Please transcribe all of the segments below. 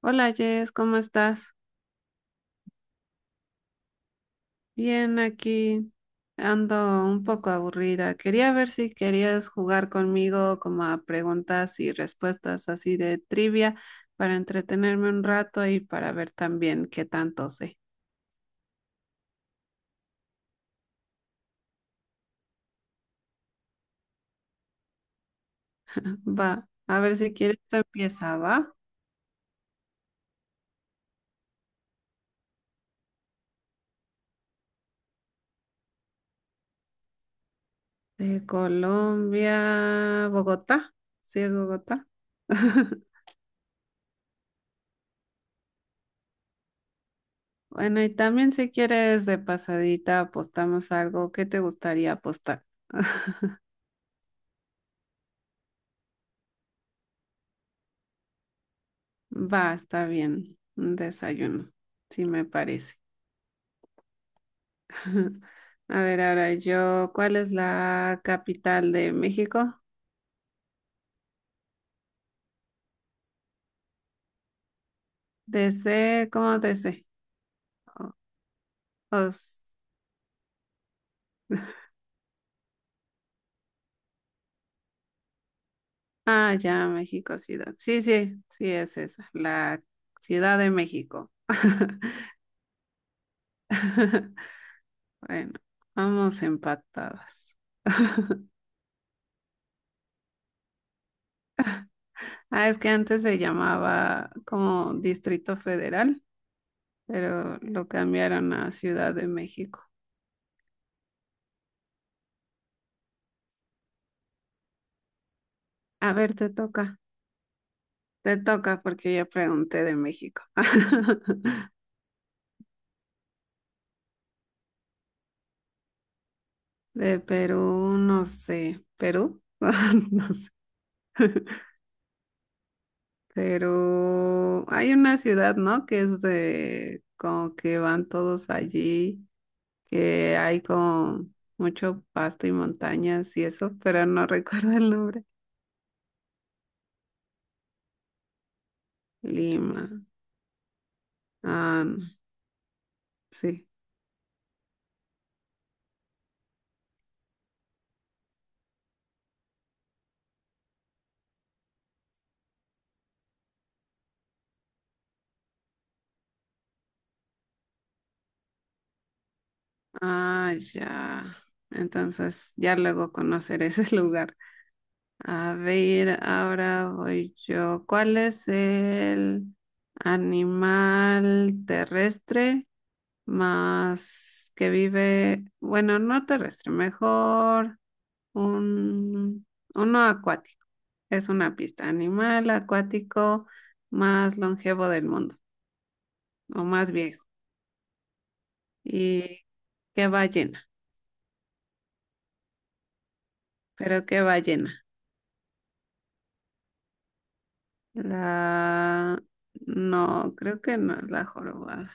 Hola Jess, ¿cómo estás? Bien, aquí ando un poco aburrida. Quería ver si querías jugar conmigo como a preguntas y respuestas así de trivia para entretenerme un rato y para ver también qué tanto sé. Va, a ver si quieres, tú empieza, ¿va? De Colombia, Bogotá. Sí, es Bogotá. Bueno, y también si quieres de pasadita apostamos algo. ¿Qué te gustaría apostar? Va, está bien. Un desayuno, sí me parece. A ver, ahora yo, ¿cuál es la capital de México? DC, ¿cómo DC? O- os- ah, ya, México Ciudad. Sí, sí, sí es esa, la Ciudad de México. Bueno, vamos empatadas. Ah, es que antes se llamaba como Distrito Federal, pero lo cambiaron a Ciudad de México. A ver, te toca porque ya pregunté de México. De Perú, no sé. ¿Perú? No sé. Pero hay una ciudad, ¿no? Que es de como que van todos allí, que hay como mucho pasto y montañas y eso, pero no recuerdo el nombre. Lima. Ah, no, sí. Ah, ya. Entonces ya luego conoceré ese lugar. A ver, ahora voy yo. ¿Cuál es el animal terrestre más que vive, bueno, no terrestre, mejor un, uno acuático? Es una pista. Animal acuático más longevo del mundo, o más viejo. ¿Y qué ballena? ¿Pero qué ballena? La... No, creo que no es la jorobada.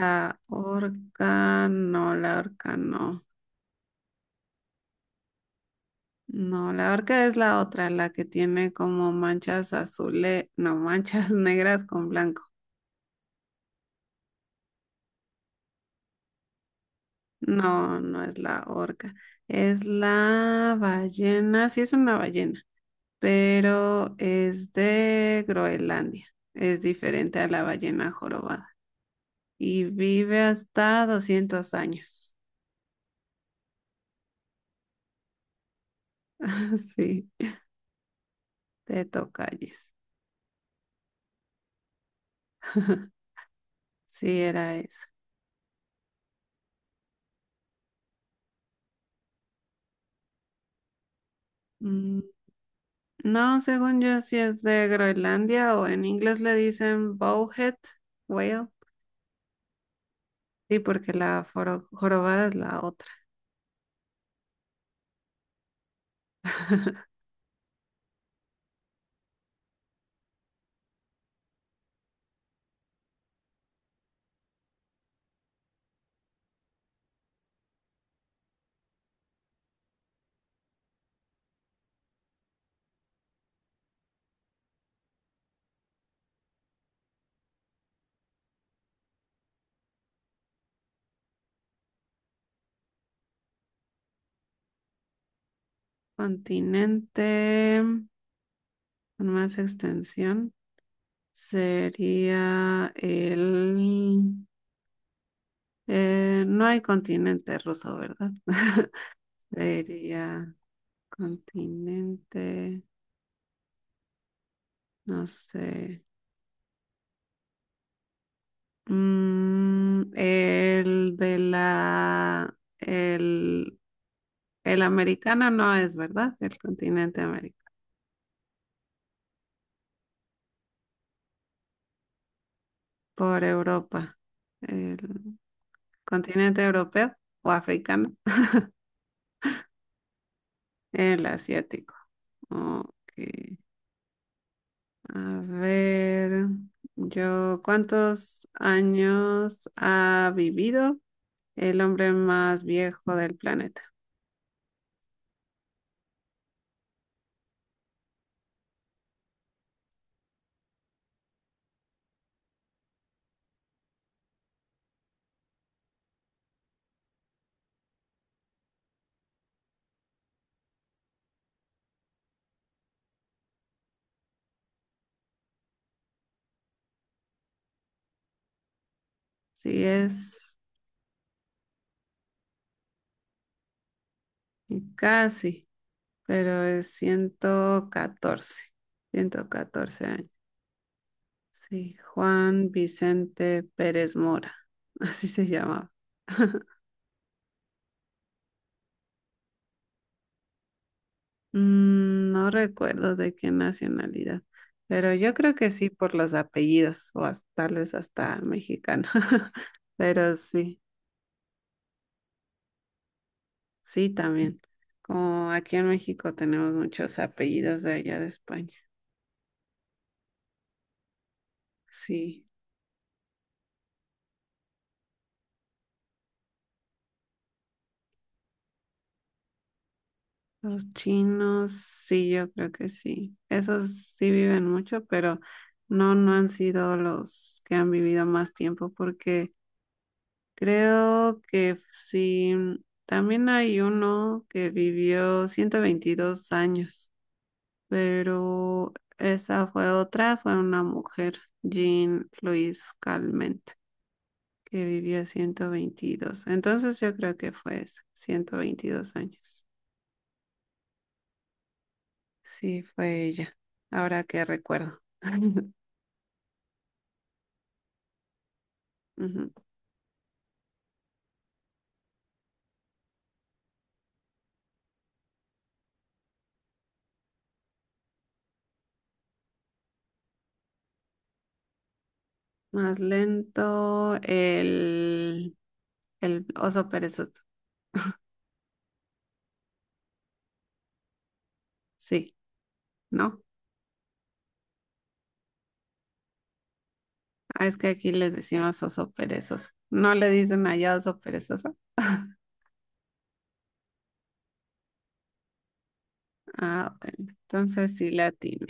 La orca, no, la orca no. No, la orca es la otra, la que tiene como manchas azules, no, manchas negras con blanco. No, no es la orca. Es la ballena, sí es una ballena, pero es de Groenlandia. Es diferente a la ballena jorobada y vive hasta 200 años. Sí, te toca, Jess. Sí, era eso. No, según yo, sí es de Groenlandia o en inglés le dicen bowhead whale. Sí, porque la jorobada es la otra. Continente con más extensión sería el... Eh, no hay continente ruso, ¿verdad? Sería continente, no sé. Mm, el de la, el, el americano no es, ¿verdad? El continente americano. Por Europa. El continente europeo o africano. El asiático. Ok. A ver, yo, ¿cuántos años ha vivido el hombre más viejo del planeta? Sí es y casi. Pero es 114, 114 años. Sí, Juan Vicente Pérez Mora, así se llamaba. No recuerdo de qué nacionalidad, pero yo creo que sí por los apellidos o hasta, tal vez hasta mexicano. Pero sí, sí también. Como aquí en México tenemos muchos apellidos de allá de España. Sí. Los chinos, sí, yo creo que sí. Esos sí viven mucho, pero no, no han sido los que han vivido más tiempo, porque creo que sí, también hay uno que vivió 122 años, pero esa fue otra, fue una mujer, Jean Louise Calment, que vivió 122. Entonces yo creo que fue esa, 122 años. Sí, fue ella. Ahora que recuerdo. Ujú. Más lento el oso perezoso. Sí, ¿no? Ah, es que aquí le decimos oso perezoso. ¿No le dicen allá oso perezoso? Ah, bueno, entonces sí la atiné,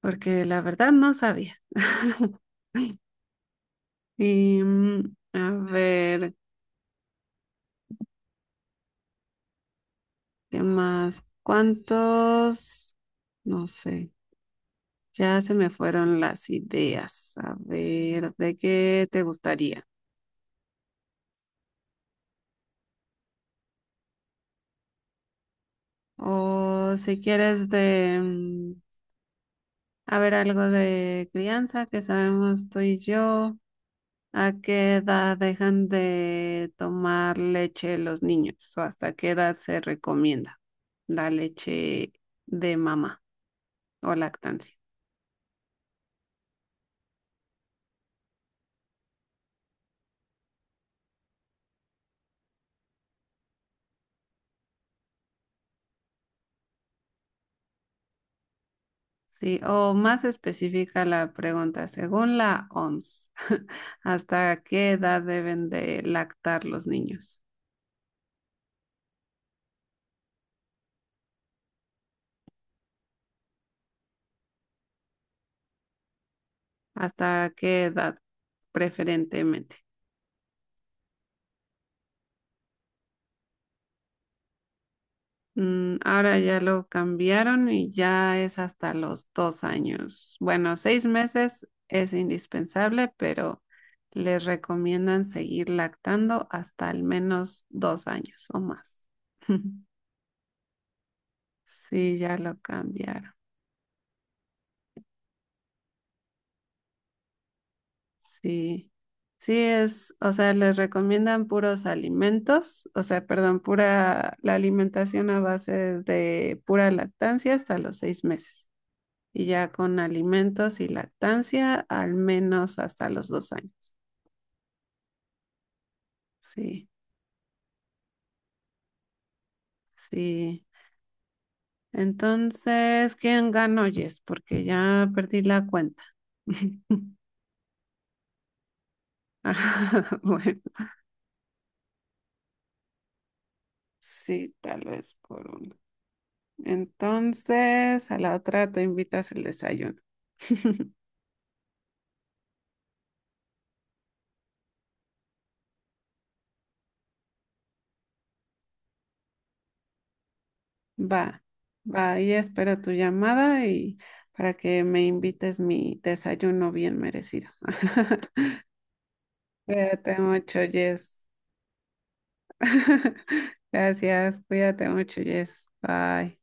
porque la verdad no sabía. Y a ver, ¿qué más? ¿Cuántos? No sé. Ya se me fueron las ideas. A ver, ¿de qué te gustaría? O si quieres de, a ver, algo de crianza que sabemos tú y yo. ¿A qué edad dejan de tomar leche los niños? ¿O hasta qué edad se recomienda la leche de mamá o lactancia? Sí, o más específica la pregunta, según la OMS, ¿hasta qué edad deben de lactar los niños? ¿Hasta qué edad? Preferentemente. Ahora ya lo cambiaron y ya es hasta los 2 años. Bueno, 6 meses es indispensable, pero les recomiendan seguir lactando hasta al menos 2 años o más. Sí, ya lo cambiaron. Sí, sí es, o sea, les recomiendan puros alimentos, o sea, perdón, pura la alimentación a base de pura lactancia hasta los 6 meses y ya con alimentos y lactancia al menos hasta los 2 años. Sí, sí. Entonces, ¿quién ganó, Yes? Porque ya perdí la cuenta. Ah, bueno, sí, tal vez por uno. Entonces, a la otra te invitas el desayuno. Va, va, y espero tu llamada y para que me invites mi desayuno bien merecido. Cuídate mucho, Jess. Gracias, cuídate mucho, Jess. Bye.